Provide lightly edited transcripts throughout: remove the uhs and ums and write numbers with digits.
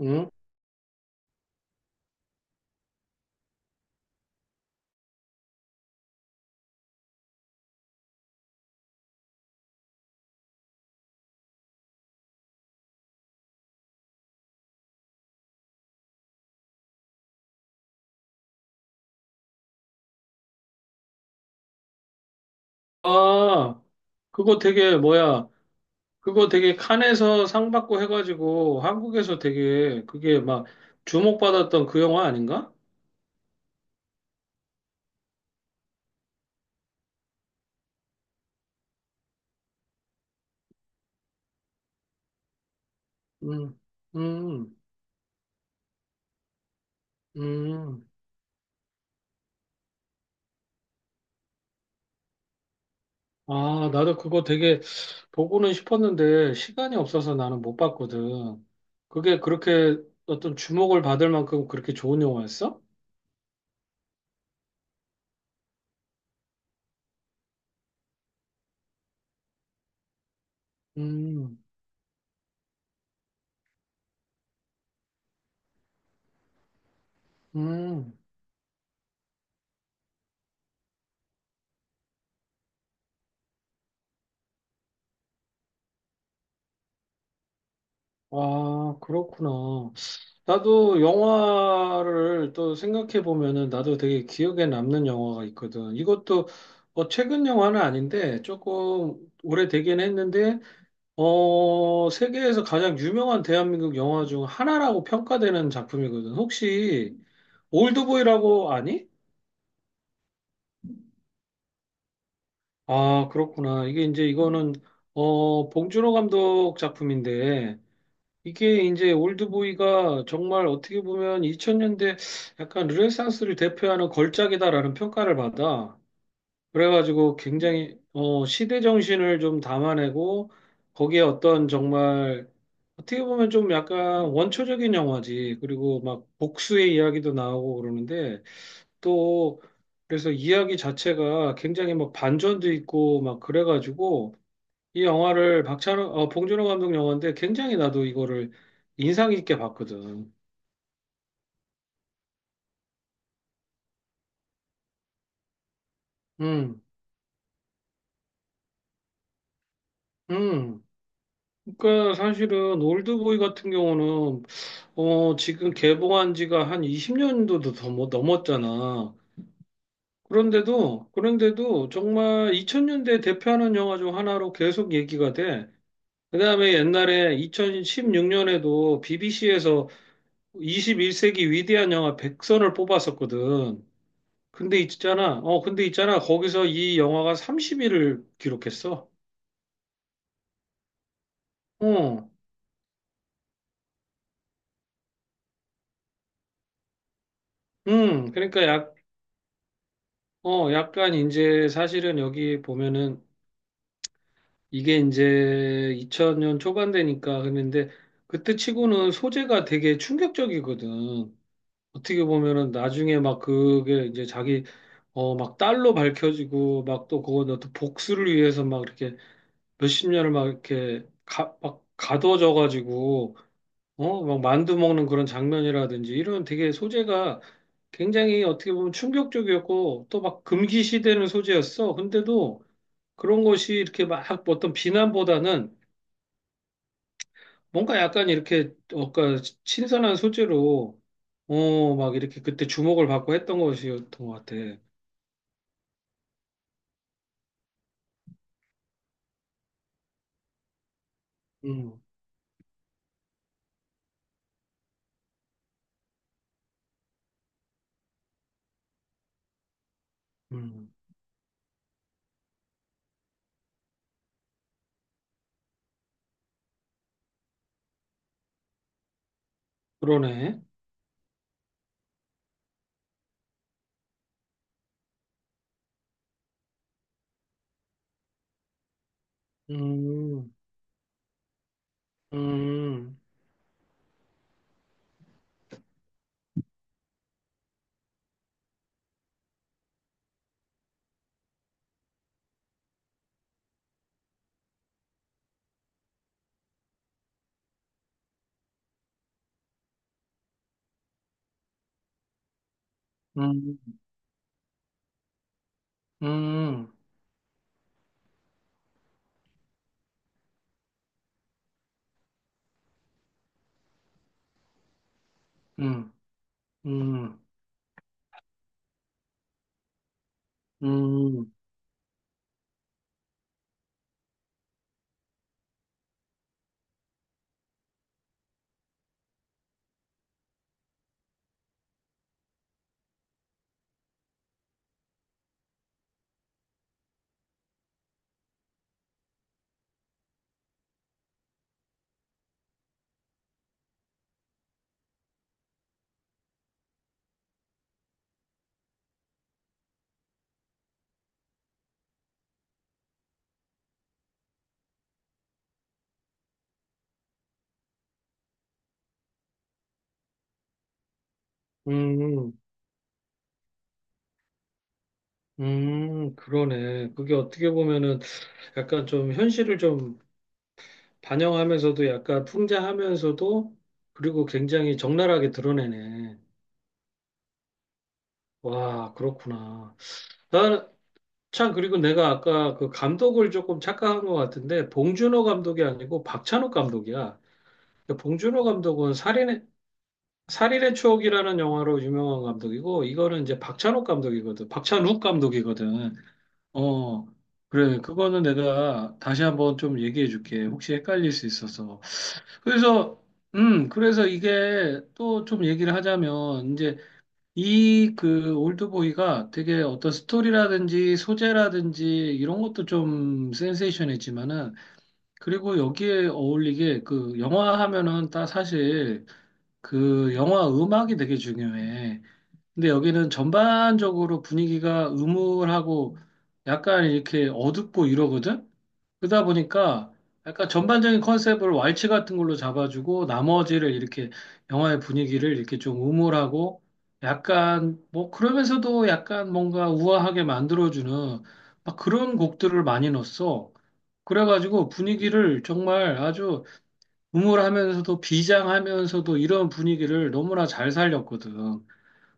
응? 아, 그거 되게 뭐야? 그거 되게 칸에서 상 받고 해가지고 한국에서 되게 그게 막 주목받았던 그 영화 아닌가? 음, 음, 음. 아, 나도 그거 되게 보고는 싶었는데 시간이 없어서 나는 못 봤거든. 그게 그렇게 어떤 주목을 받을 만큼 그렇게 좋은 영화였어? 음, 음. 아, 그렇구나. 나도 영화를 또 생각해 보면은 나도 되게 기억에 남는 영화가 있거든. 이것도 최근 영화는 아닌데 조금 오래되긴 했는데 세계에서 가장 유명한 대한민국 영화 중 하나라고 평가되는 작품이거든. 혹시 올드보이라고 아니? 아, 그렇구나. 이게 이제 이거는 봉준호 감독 작품인데 이게 이제 올드보이가 정말 어떻게 보면 2000년대 약간 르네상스를 대표하는 걸작이다라는 평가를 받아. 그래가지고 굉장히 시대 정신을 좀 담아내고 거기에 어떤 정말 어떻게 보면 좀 약간 원초적인 영화지. 그리고 막 복수의 이야기도 나오고 그러는데 또 그래서 이야기 자체가 굉장히 막 반전도 있고 막 그래가지고 이 영화를 박찬호, 봉준호 감독 영화인데 굉장히 나도 이거를 인상 깊게 봤거든. 음, 음. 그러니까 사실은 올드보이 같은 경우는 지금 개봉한 지가 한 20년도도 더 넘었잖아. 그런데도 정말 2000년대 대표하는 영화 중 하나로 계속 얘기가 돼. 그다음에 옛날에 2016년에도 BBC에서 21세기 위대한 영화 100선을 뽑았었거든. 근데 있잖아, 거기서 이 영화가 30위를 기록했어. 어, 그러니까 약간 이제 사실은 여기 보면은 이게 이제 2000년 초반 되니까 그랬는데 그때 치고는 소재가 되게 충격적이거든. 어떻게 보면은 나중에 막 그게 이제 자기, 막 딸로 밝혀지고 막 또 그거 또 복수를 위해서 막 이렇게 몇십 년을 막 이렇게 막 가둬져 가지고 막 만두 먹는 그런 장면이라든지 이런 되게 소재가 굉장히 어떻게 보면 충격적이었고 또 막 금기시되는 소재였어. 근데도 그런 것이 이렇게 막 어떤 비난보다는 뭔가 약간 이렇게 뭔가 신선한 소재로 막 이렇게 그때 주목을 받고 했던 것이었던 것 같아. 음, 음, 그러네. 음, 음, 음, 음, 음, 음, 음, 음. 그러네. 그게 어떻게 보면은 약간 좀 현실을 좀 반영하면서도 약간 풍자하면서도 그리고 굉장히 적나라하게 드러내네. 와, 그렇구나. 나는 참 그리고 내가 아까 그 감독을 조금 착각한 것 같은데 봉준호 감독이 아니고 박찬욱 감독이야. 봉준호 감독은 살인의 추억이라는 영화로 유명한 감독이고 이거는 이제 박찬욱 감독이거든. 박찬욱 감독이거든. 어, 그래. 그거는 내가 다시 한번 좀 얘기해 줄게. 혹시 헷갈릴 수 있어서. 그래서, 그래서 이게 또 좀 얘기를 하자면, 이제 이 그 올드보이가 되게 어떤 스토리라든지 소재라든지 이런 것도 좀 센세이션했지만은, 그리고 여기에 어울리게 그 영화 하면은 다 사실 그 영화 음악이 되게 중요해. 근데 여기는 전반적으로 분위기가 음울하고 약간 이렇게 어둡고 이러거든? 그러다 보니까 약간 전반적인 컨셉을 왈츠 같은 걸로 잡아주고 나머지를 이렇게 영화의 분위기를 이렇게 좀 음울하고 약간 뭐 그러면서도 약간 뭔가 우아하게 만들어주는 막 그런 곡들을 많이 넣었어. 그래가지고 분위기를 정말 아주 음울하면서도 비장하면서도 이런 분위기를 너무나 잘 살렸거든.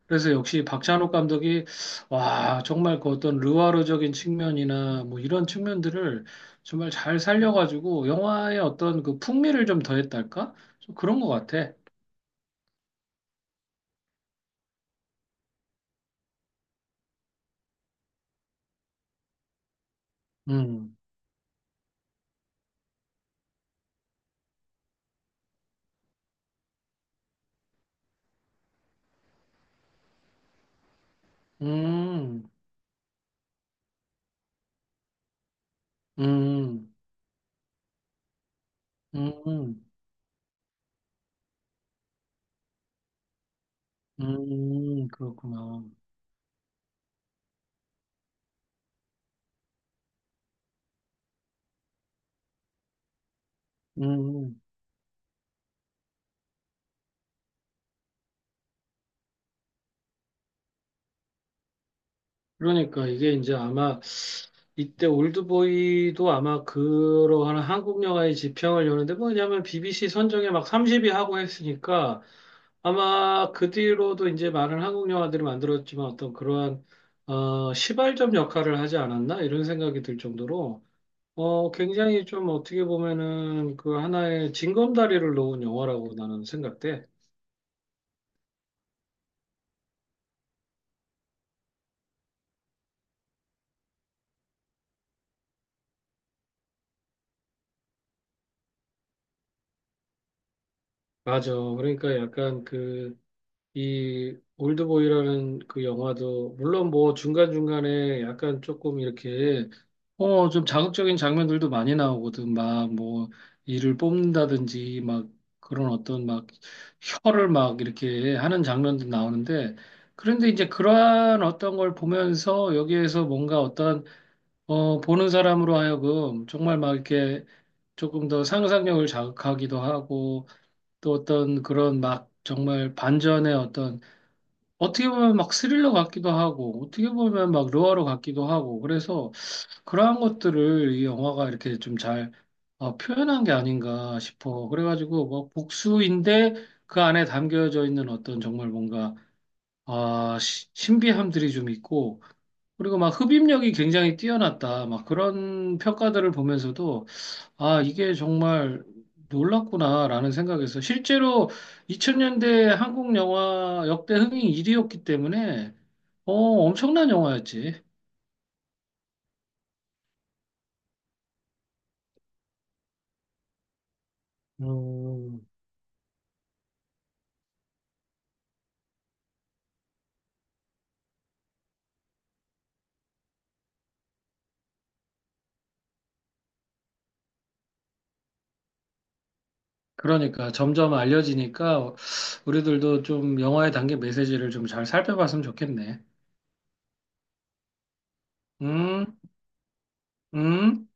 그래서 역시 박찬욱 감독이 와 정말 그 어떤 르와르적인 측면이나 뭐 이런 측면들을 정말 잘 살려가지고 영화의 어떤 그 풍미를 좀 더했달까? 좀 그런 것 같아. 음, 음, 음, 음, 그렇구나. 음, 그러니까 이게 이제 아마 이때 올드보이도 아마 그러한 한국 영화의 지평을 여는데 뭐냐면 BBC 선정에 막 30위 하고 했으니까. 아마 그 뒤로도 이제 많은 한국 영화들이 만들었지만 어떤 그러한 시발점 역할을 하지 않았나 이런 생각이 들 정도로 굉장히 좀 어떻게 보면은 그 하나의 징검다리를 놓은 영화라고 나는 생각돼. 맞아. 그러니까 약간 그 이 올드보이라는 그 영화도 물론 뭐 중간중간에 약간 조금 이렇게 좀 자극적인 장면들도 많이 나오거든 막 뭐 이를 뽑는다든지 막 그런 어떤 막 혀를 막 이렇게 하는 장면도 나오는데 그런데 이제 그러한 어떤 걸 보면서 여기에서 뭔가 어떤 보는 사람으로 하여금 정말 막 이렇게 조금 더 상상력을 자극하기도 하고 또 어떤 그런 막 정말 반전의 어떤 어떻게 보면 막 스릴러 같기도 하고, 어떻게 보면 막 루어로 같기도 하고, 그래서 그러한 것들을 이 영화가 이렇게 좀잘 표현한 게 아닌가 싶어. 그래가지고 뭐 복수인데 그 안에 담겨져 있는 어떤 정말 뭔가 아, 신비함들이 좀 있고, 그리고 막 흡입력이 굉장히 뛰어났다. 막 그런 평가들을 보면서도 아, 이게 정말 놀랐구나라는 생각에서 실제로 2000년대 한국 영화 역대 흥행 1위였기 때문에 엄청난 영화였지. 음, 그러니까 점점 알려지니까 우리들도 좀 영화에 담긴 메시지를 좀 잘 살펴봤으면 좋겠네. 음, 음.